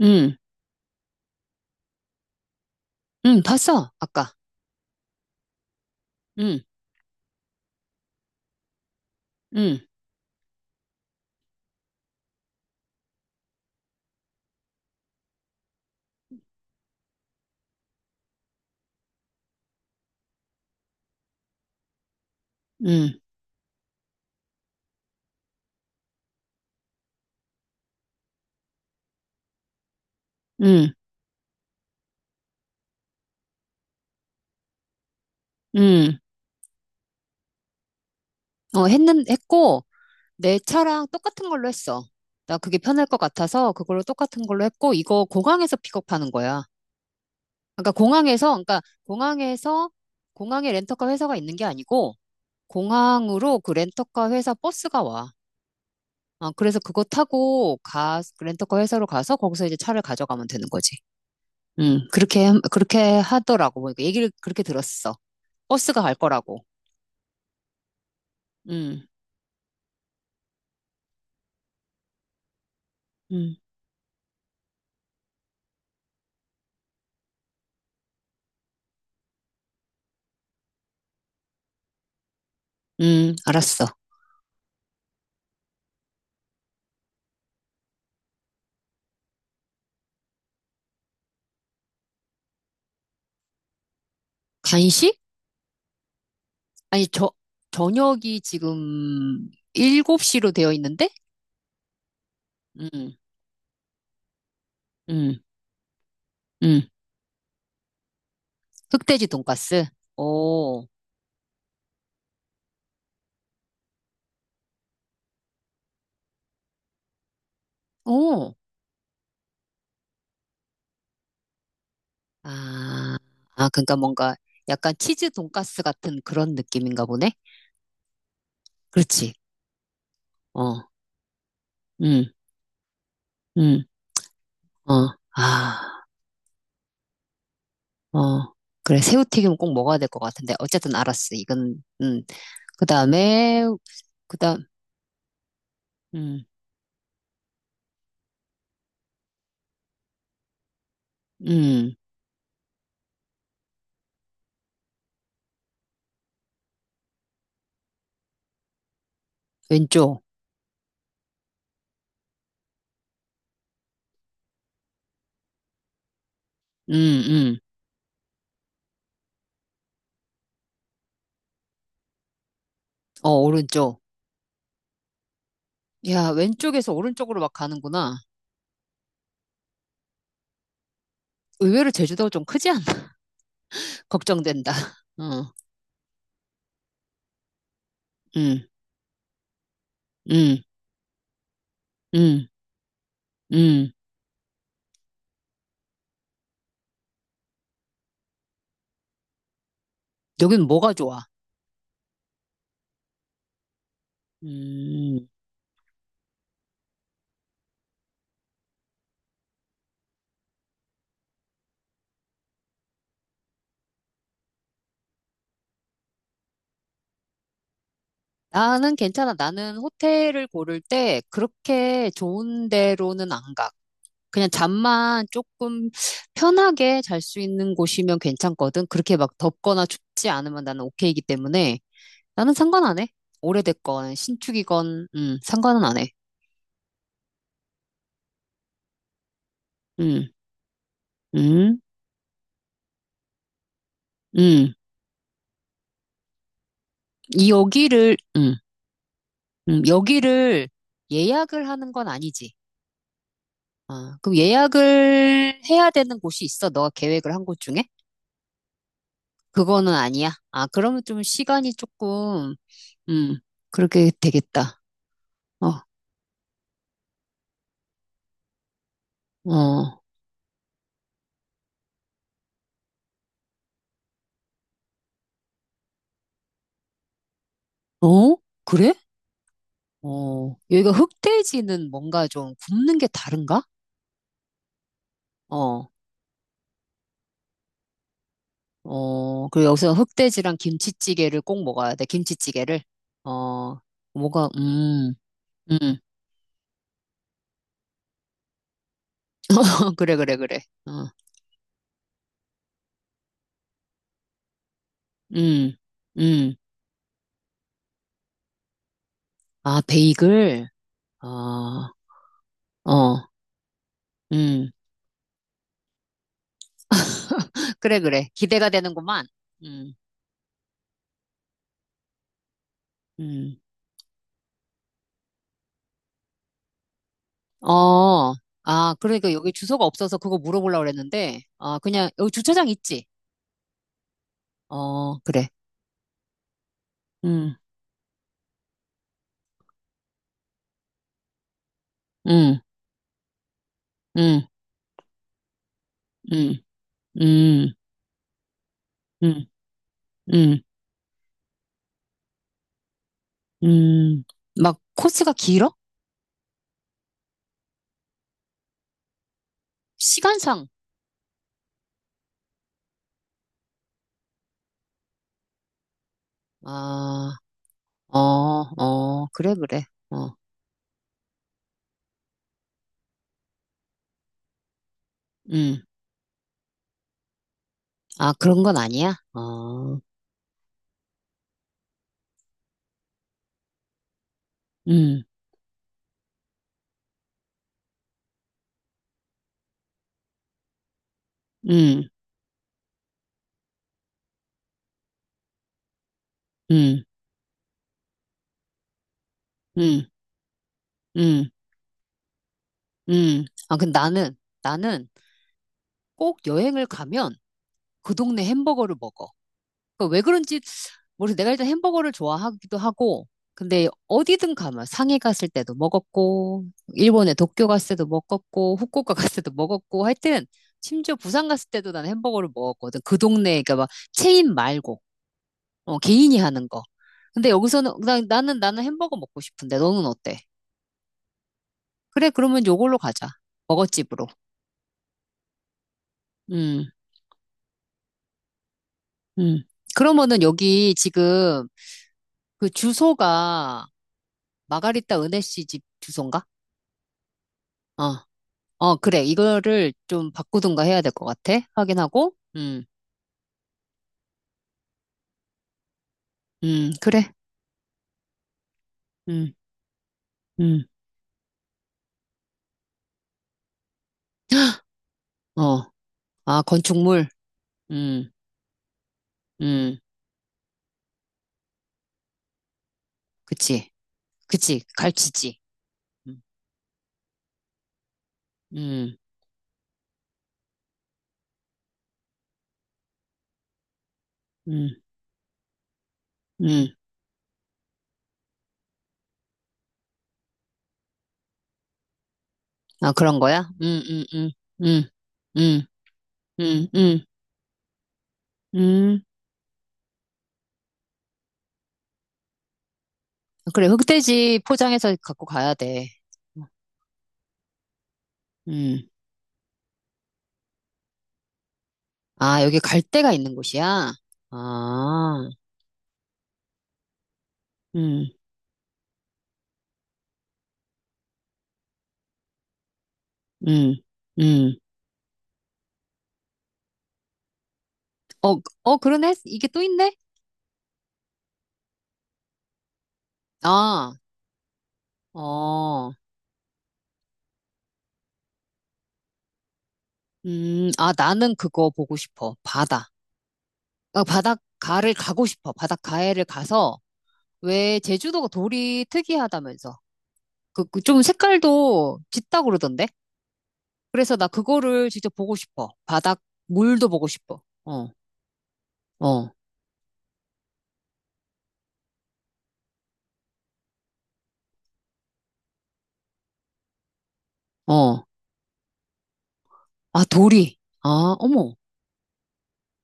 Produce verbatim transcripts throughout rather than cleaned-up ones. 응, 응, 봤어, 아까. 응, 응, 응, 응, 응. 어, 했는, 했고, 내 차랑 똑같은 걸로 했어. 나 그게 편할 것 같아서 그걸로 똑같은 걸로 했고, 이거 공항에서 픽업하는 거야. 그러니까 공항에서, 그러니까 공항에서, 공항에 렌터카 회사가 있는 게 아니고, 공항으로 그 렌터카 회사 버스가 와. 어, 그래서 그거 타고 가, 그 렌터카 회사로 가서 거기서 이제 차를 가져가면 되는 거지. 응, 그렇게, 함- 그렇게 하더라고. 뭐 이거 얘기를 그렇게 들었어. 버스가 갈 거라고. 음, 음, 음, 알았어. 간식? 아니, 저, 저녁이 지금 일곱 시로 되어 있는데? 음, 음, 음. 흑돼지 돈가스? 오, 오. 아, 아, 그러니까 뭔가 약간 치즈 돈가스 같은 그런 느낌인가 보네? 그렇지. 어, 음, 음, 어, 아, 어. 그래, 새우튀김은 꼭 먹어야 될 것 같은데. 어쨌든 알았어. 이건, 음. 그 다음에, 그 다음, 음, 음. 왼쪽. 음, 음. 어, 오른쪽. 야, 왼쪽에서 오른쪽으로 막 가는구나. 의외로 제주도가 좀 크지 않나? 걱정된다. 어, 음, 음, 음, 음. 여긴 뭐가 좋아? 음. 나는 괜찮아. 나는 호텔을 고를 때 그렇게 좋은 데로는 안 가. 그냥 잠만 조금 편하게 잘 수 있는 곳이면 괜찮거든. 그렇게 막 덥거나 춥지 않으면 나는 오케이이기 때문에 나는 상관 안 해. 오래됐건 신축이건 음, 상관은 안 해. 음. 음, 음. 이 여기를, 음, 음, 여기를 예약을 하는 건 아니지. 아, 그럼 예약을 해야 되는 곳이 있어? 너가 계획을 한 곳 중에? 그거는 아니야. 아, 그러면 좀 시간이 조금, 음, 그렇게 되겠다. 어, 어, 어? 그래? 어, 여기가 흑돼지는 뭔가 좀 굽는 게 다른가? 어, 어, 그리고 여기서 흑돼지랑 김치찌개를 꼭 먹어야 돼. 김치찌개를. 어, 뭐가, 음, 음. 어, 그래, 그래, 그래. 어, 음, 음. 아, 베이글? 어, 어, 음. 그래, 그래. 기대가 되는구만. 음, 음. 어, 아, 그러니까 여기 주소가 없어서 그거 물어보려고 그랬는데, 아, 그냥, 여기 주차장 있지? 어, 그래. 음, 음, 음, 음, 음, 음, 음, 음. 막 코스가 길어? 시간상. 아, 어, 어, 그래, 그래. 어, 음. 아, 그런 건 아니야? 어. 음, 음, 음, 음, 음, 음. 아, 근데 나는, 나는 꼭 여행을 가면 그 동네 햄버거를 먹어. 그왜 그런지, 모르겠어. 내가 일단 햄버거를 좋아하기도 하고, 근데 어디든 가면 상해 갔을 때도 먹었고, 일본에 도쿄 갔을 때도 먹었고, 후쿠오카 갔을 때도 먹었고, 하여튼, 심지어 부산 갔을 때도 나는 햄버거를 먹었거든. 그 동네, 그러니까 막 체인 말고, 어, 개인이 하는 거. 근데 여기서는, 나, 나는, 나는 햄버거 먹고 싶은데, 너는 어때? 그래, 그러면 요걸로 가자. 먹어집으로. 음, 음. 그러면은 여기 지금 그 주소가 마가리타 은혜 씨 집 주소인가? 어, 어, 그래. 이거를 좀 바꾸든가 해야 될 것 같아. 확인하고. 음, 음, 그래. 음, 음, 어. 아, 건축물. 음, 음. 그치. 그치. 갈치지. 음, 음, 음. 음. 아, 그런 거야? 음, 음, 음, 음, 음, 음, 음. 음. 아, 그래, 흑돼지 포장해서 갖고 가야 돼. 음. 아, 여기 갈 데가 있는 곳이야? 아, 음, 음, 음. 어, 어, 그러네? 이게 또 있네? 아, 어, 음, 아, 나는 그거 보고 싶어. 바다. 어, 바닷가를 가고 싶어. 바닷가에를 가서, 왜 제주도가 돌이 특이하다면서. 그, 그 좀 색깔도 짙다 그러던데? 그래서 나 그거를 진짜 보고 싶어. 바닷, 물도 보고 싶어. 어, 어, 어. 아, 도리. 아, 어머.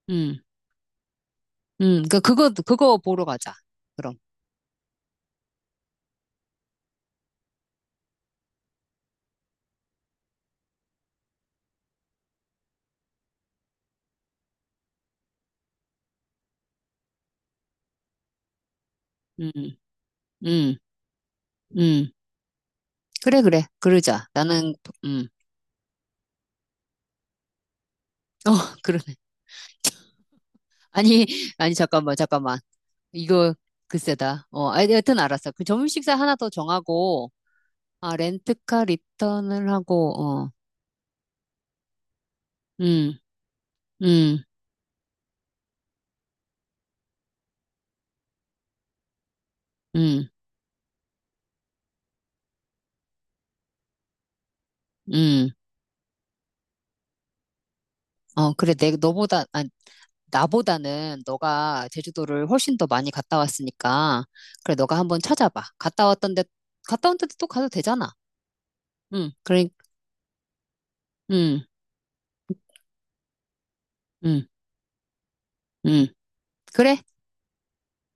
음, 음. 그, 그거, 그거 보러 가자. 그럼. 음, 음, 음. 그래, 그래. 그러자. 나는, 음. 어, 그러네. 아니, 아니, 잠깐만, 잠깐만. 이거, 글쎄다. 어, 아, 여튼 알았어. 그 점심 식사 하나 더 정하고, 아, 렌트카 리턴을 하고, 어, 음, 음, 음, 음. 어, 그래. 내, 너보다, 아, 나보다는 너가 제주도를 훨씬 더 많이 갔다 왔으니까 그래 너가 한번 찾아봐. 갔다 왔던데 갔다 온 데도 또 가도 되잖아. 응, 그래, 응, 응, 응. 그래,